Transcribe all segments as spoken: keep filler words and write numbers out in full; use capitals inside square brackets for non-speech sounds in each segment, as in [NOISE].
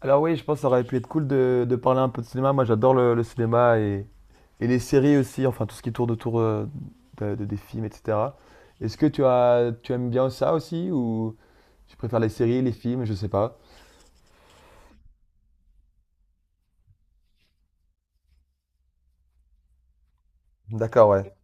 Alors oui, je pense que ça aurait pu être cool de, de parler un peu de cinéma. Moi, j'adore le, le cinéma et, et les séries aussi, enfin tout ce qui tourne autour euh, de- de- des films, et cetera. Est-ce que tu as, tu aimes bien ça aussi ou tu préfères les séries, les films, je sais pas. D'accord, ouais.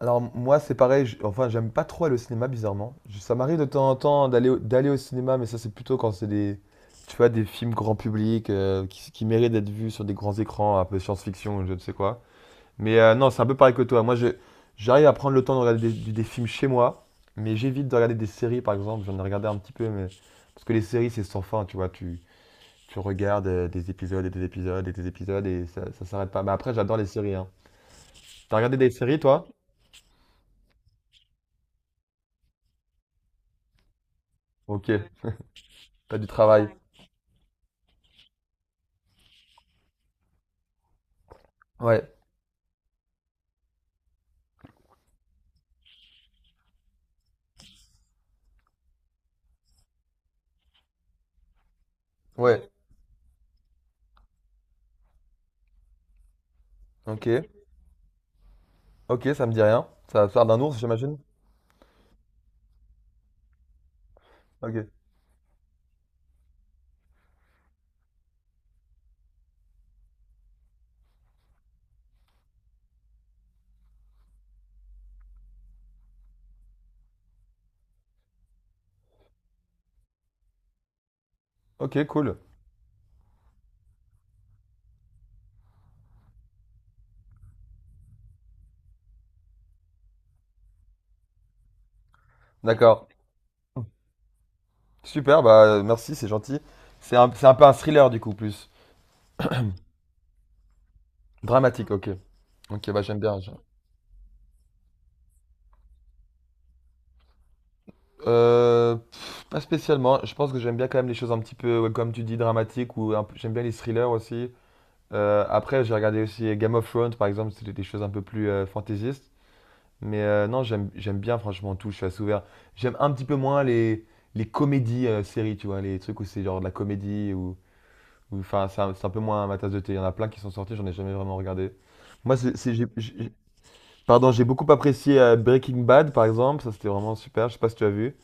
Alors moi, c'est pareil, j- enfin j'aime pas trop aller au cinéma, bizarrement. Je- Ça m'arrive de temps en temps d'aller au, d'aller au cinéma, mais ça c'est plutôt quand c'est des, tu vois, des films grand public euh, qui, qui méritent d'être vus sur des grands écrans, un peu science-fiction, ou je ne sais quoi. Mais euh, non, c'est un peu pareil que toi. Moi, je- j'arrive à prendre le temps de regarder des, des films chez moi, mais j'évite de regarder des séries, par exemple. J'en ai regardé un petit peu, mais parce que les séries, c'est sans fin, tu vois. Tu, tu regardes euh, des épisodes et des épisodes et des épisodes et ça, ça s'arrête pas. Mais après, j'adore les séries, hein. T'as regardé des séries, toi? Ok, t'as du travail. Ouais, ouais, ok. Ok, ça me dit rien. Ça va faire d'un ours, j'imagine? Ok. Ok, cool. D'accord. Super, bah euh, merci, c'est gentil. C'est un, c'est un peu un thriller, du coup, plus. Dramatique, ok. Ok, bah j'aime bien. Heu, pff, pas spécialement. Je pense que j'aime bien quand même les choses un petit peu, ouais, comme tu dis, dramatiques ou un p j'aime bien les thrillers aussi. Heu, après, j'ai regardé aussi Game of Thrones, par exemple, c'était des choses un peu plus, heu, fantaisistes. Mais, heu, non, j'aime j'aime bien, franchement, tout. Je suis assez ouvert. J'aime un petit peu moins les les comédies, heu, séries, tu vois? Les trucs où c'est genre de la comédie ou ou enfin, c'est un c'est un peu moins ma tasse de thé. Il y en a plein qui sont sortis, j'en ai jamais vraiment regardé. Moi, c'est c'est j'ai j'ai pardon, j'ai beaucoup apprécié, heu, Breaking Bad, par exemple. Ça, c'était vraiment super. Je sais pas si tu as vu?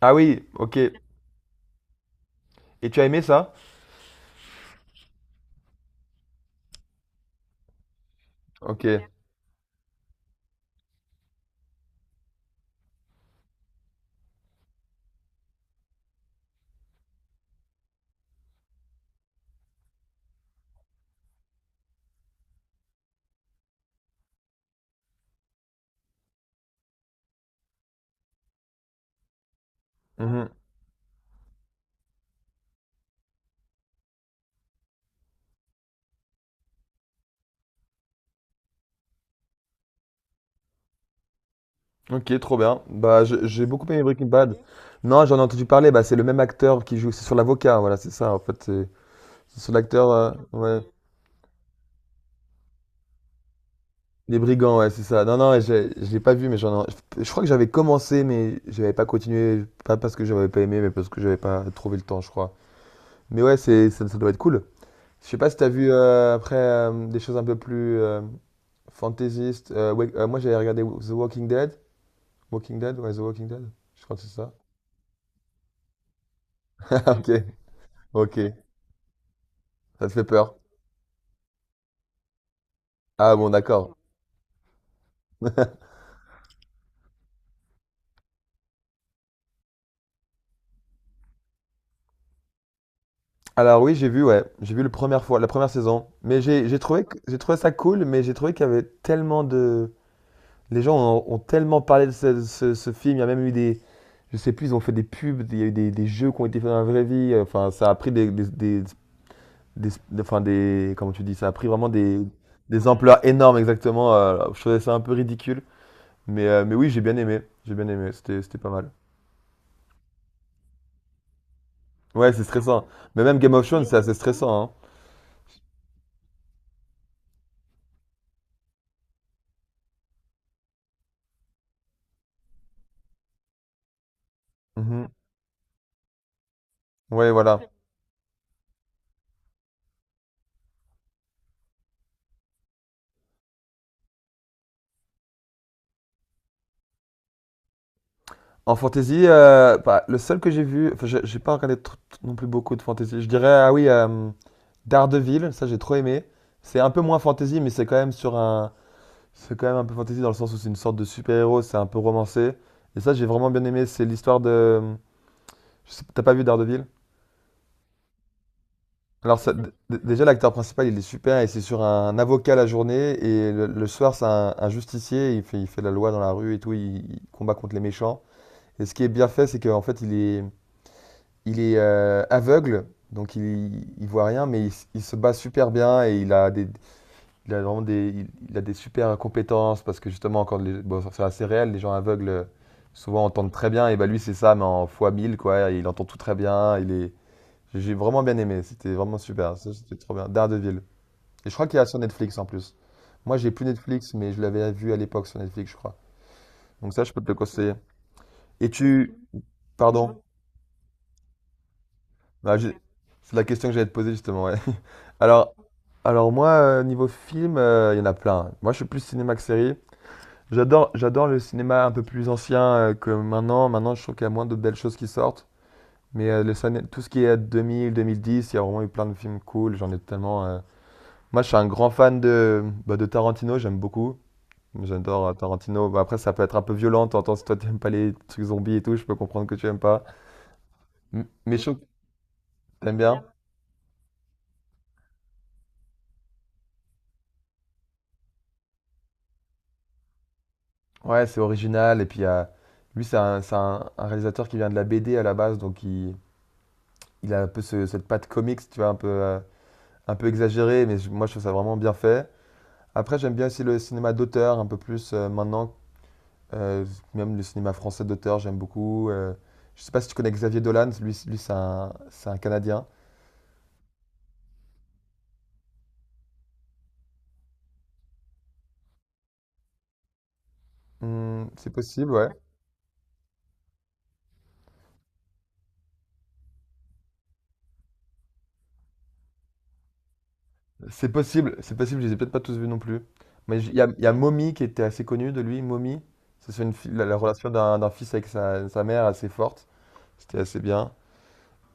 Ah oui, OK. Et tu as aimé ça? Ok. Mhm. Ok, trop bien. Bah, je- j'ai beaucoup aimé Breaking Bad. Non, j'en ai entendu parler. Bah, c'est le même acteur qui joue. C'est sur l'avocat. Voilà, c'est ça. En fait, c'est c'est sur l'acteur. euh, ouais. Les brigands, ouais, c'est ça. Non, non, j'ai- je l'ai pas vu, mais j'en ai... Je crois que j'avais commencé, mais j'avais pas continué. Pas parce que j'avais pas aimé, mais parce que j'avais pas trouvé le temps, je crois. Mais ouais, c'est ça, ça doit être cool. Je sais pas si t'as vu euh, après euh, des choses un peu plus euh, fantaisistes. Euh, ouais, euh, moi, j'avais regardé The Walking Dead. Walking Dead, ouais, The Walking Dead. Je crois que c'est ça. [LAUGHS] Ok, ok, ça te fait peur. Ah bon, d'accord. Alors oui, j'ai vu, ouais, j'ai vu la première fois, la première saison, mais j'ai j'ai trouvé que- j'ai trouvé ça cool, mais j'ai trouvé qu'il y avait tellement de, les gens ont, ont tellement parlé de ce, ce- ce film, il y a même eu des, je sais plus, ils ont fait des pubs, il y a eu des, des jeux qui ont été faits dans la vraie vie, enfin ça a pris des, des, des, des- des- enfin des, comment tu dis, ça a pris vraiment des, des ampleurs énormes exactement. euh, je trouvais ça un peu ridicule, mais euh, mais oui, j'ai bien aimé, j'ai bien aimé, c'était c'était pas mal. Ouais, c'est stressant. Mais même Game of Thrones, c'est assez stressant, hein. Mhm. Ouais, voilà. En fantasy, euh, bah, le seul que j'ai vu, enfin, j'ai j'ai pas regardé tr- tr- non plus beaucoup de fantasy. Je dirais, ah oui, euh, Daredevil, ça j'ai trop aimé. C'est un peu moins fantasy, mais c'est quand même sur un, c'est quand même un peu fantasy dans le sens où c'est une sorte de super-héros, c'est un peu romancé. Et ça, j'ai vraiment bien aimé. C'est l'histoire de, je sais- t'as pas vu Daredevil? Alors, ça- d- d- déjà, l'acteur principal, il est super, et c'est sur un avocat la journée, et le, le soir, c'est un, un justicier, il fait, il fait la loi dans la rue et tout, il, il combat contre les méchants. Et ce qui est bien fait, c'est qu'en fait, il est, il est euh, aveugle, donc il, il voit rien, mais il, s- il se bat super bien, et il a des, il a vraiment des, il, il a des super compétences, parce que justement, quand les, bon, c'est assez réel, les gens aveugles, euh, souvent, entendent très bien, et bah lui, c'est ça, mais en fois mille quoi, il entend tout très bien, il est... J'ai vraiment bien aimé, c'était vraiment super, ça, c'était trop bien. Daredevil. Et je crois qu'il y a sur Netflix en plus. Moi, j'ai plus Netflix, mais je l'avais vu à l'époque sur Netflix, je crois. Donc ça, je peux te le conseiller. Et tu... Pardon. Bah, j'ai- C'est la question que j'allais te poser justement, ouais. [LAUGHS] Alors, alors moi, euh, niveau film, euh, il y en a plein. Moi, je suis plus cinéma que série. J'adore, j'adore le cinéma un peu plus ancien euh, que maintenant. Maintenant, je trouve qu'il y a moins de belles choses qui sortent. Mais euh, le ciné- tout ce qui est deux mille, deux mille dix, il y a vraiment eu plein de films cool. J'en ai tellement... euh. Moi, je suis un grand fan de, bah, de Tarantino, j'aime beaucoup. J'adore euh, Tarantino. Bah, après, ça peut être un peu violent. T'entends, si toi, t'aimes pas les trucs zombies et tout, je peux comprendre que tu aimes pas. M- mais oui, t'aimes bien? Ouais, c'est original. Et puis, euh, lui, c'est un, c'est un- un réalisateur qui vient de la B D à la base. Donc, il, il a un peu ce- cette patte comics, tu vois, un peu, euh, un peu exagérée. Mais je- moi, je trouve ça vraiment bien fait. Après, j'aime bien aussi le cinéma d'auteur, un peu plus euh, maintenant. Euh, même le cinéma français d'auteur, j'aime beaucoup. Euh, je sais pas si tu connais Xavier Dolan. Lui, c- lui c'est un, c'est un Canadien. Hmm, c'est possible, ouais. C'est possible, c'est possible, je les ai peut-être pas tous vus non plus. Mais j- il y a, il y a Mommy qui était assez connu de lui, Mommy. C'est sur une fi- la, la relation d'un d'un fils avec sa, sa mère assez forte. C'était assez bien.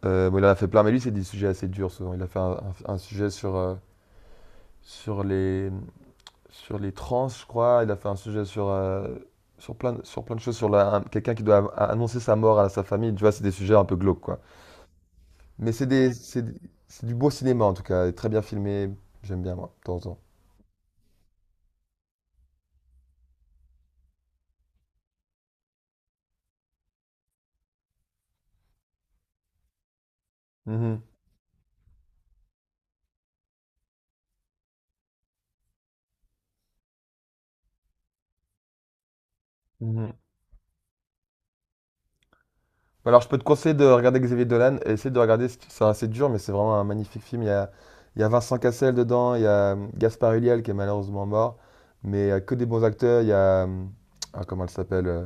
Euh, bon, il en a fait plein, mais lui, c'est des sujets assez durs souvent. Il a fait un, un- un sujet sur, euh, sur les, sur les trans, je crois. Il a fait un sujet sur, euh, sur, plein, de- sur plein de choses, sur la- un- quelqu'un qui doit a- annoncer sa mort à sa famille. Tu vois, c'est des sujets un peu glauques, quoi. Mais c'est des, c'est c'est du beau cinéma en tout cas, très bien filmé. J'aime bien, moi, de temps en temps. Mhm. Mhm. Alors, je peux te conseiller de regarder Xavier Dolan et essayer de regarder, c- ça c'est assez dur, mais c'est vraiment un magnifique film. Il y a, il y a Vincent Cassel dedans, il y a hum, Gaspard Ulliel qui est malheureusement mort, mais il y a que des bons acteurs. Il y a, hum, ah, comment elle s'appelle euh,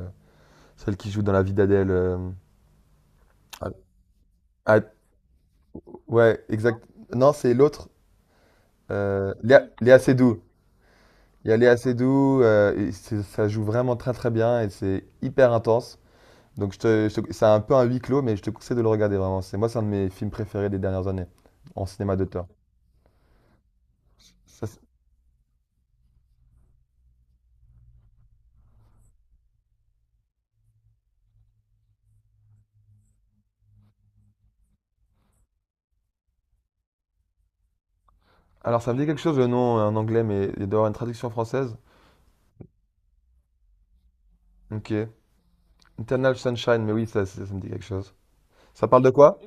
celle qui joue dans La vie d'Adèle. euh, ah, ah, ouais, exact. Non, c'est l'autre, euh, Léa, Léa Seydoux. Il y a Léa Seydoux, euh, et c'est- ça joue vraiment très très bien et c'est hyper intense. Donc, je te, je te- c'est un peu un huis clos, mais je te conseille de le regarder vraiment. C'est moi, c'est un de mes films préférés des dernières années en cinéma d'auteur. Ça s- alors, ça me dit quelque chose le nom euh, en anglais, mais il doit y avoir une traduction française. Ok. Eternal Sunshine, mais oui, ça, ça, ça me dit quelque chose. Ça parle de quoi?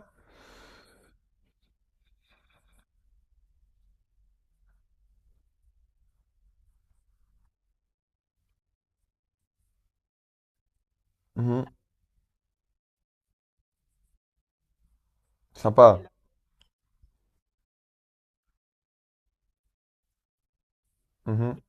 Mhm. Sympa. Mhm.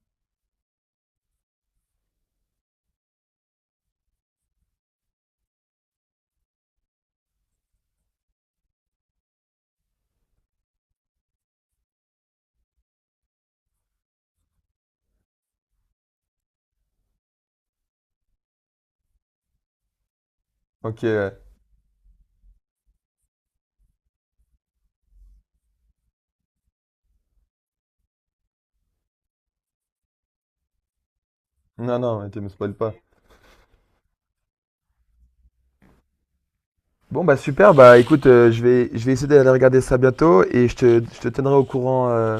Ok, ouais. Non, non, mais tu me spoil pas. Bon, bah super, bah écoute, euh, je vais, je vais essayer d'aller regarder ça bientôt et je te, je te tiendrai au courant. euh,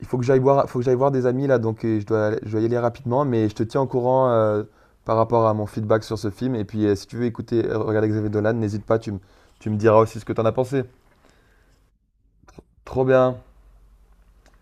il faut que j'aille voir, faut que j'aille voir des amis là, donc euh, je dois, aller- je dois y aller rapidement, mais je te tiens au courant euh, par rapport à mon feedback sur ce film. Et puis, euh, si tu veux écouter, euh, regarder Xavier Dolan, n'hésite pas, tu, m- tu me diras aussi ce que t'en as pensé. Trop bien.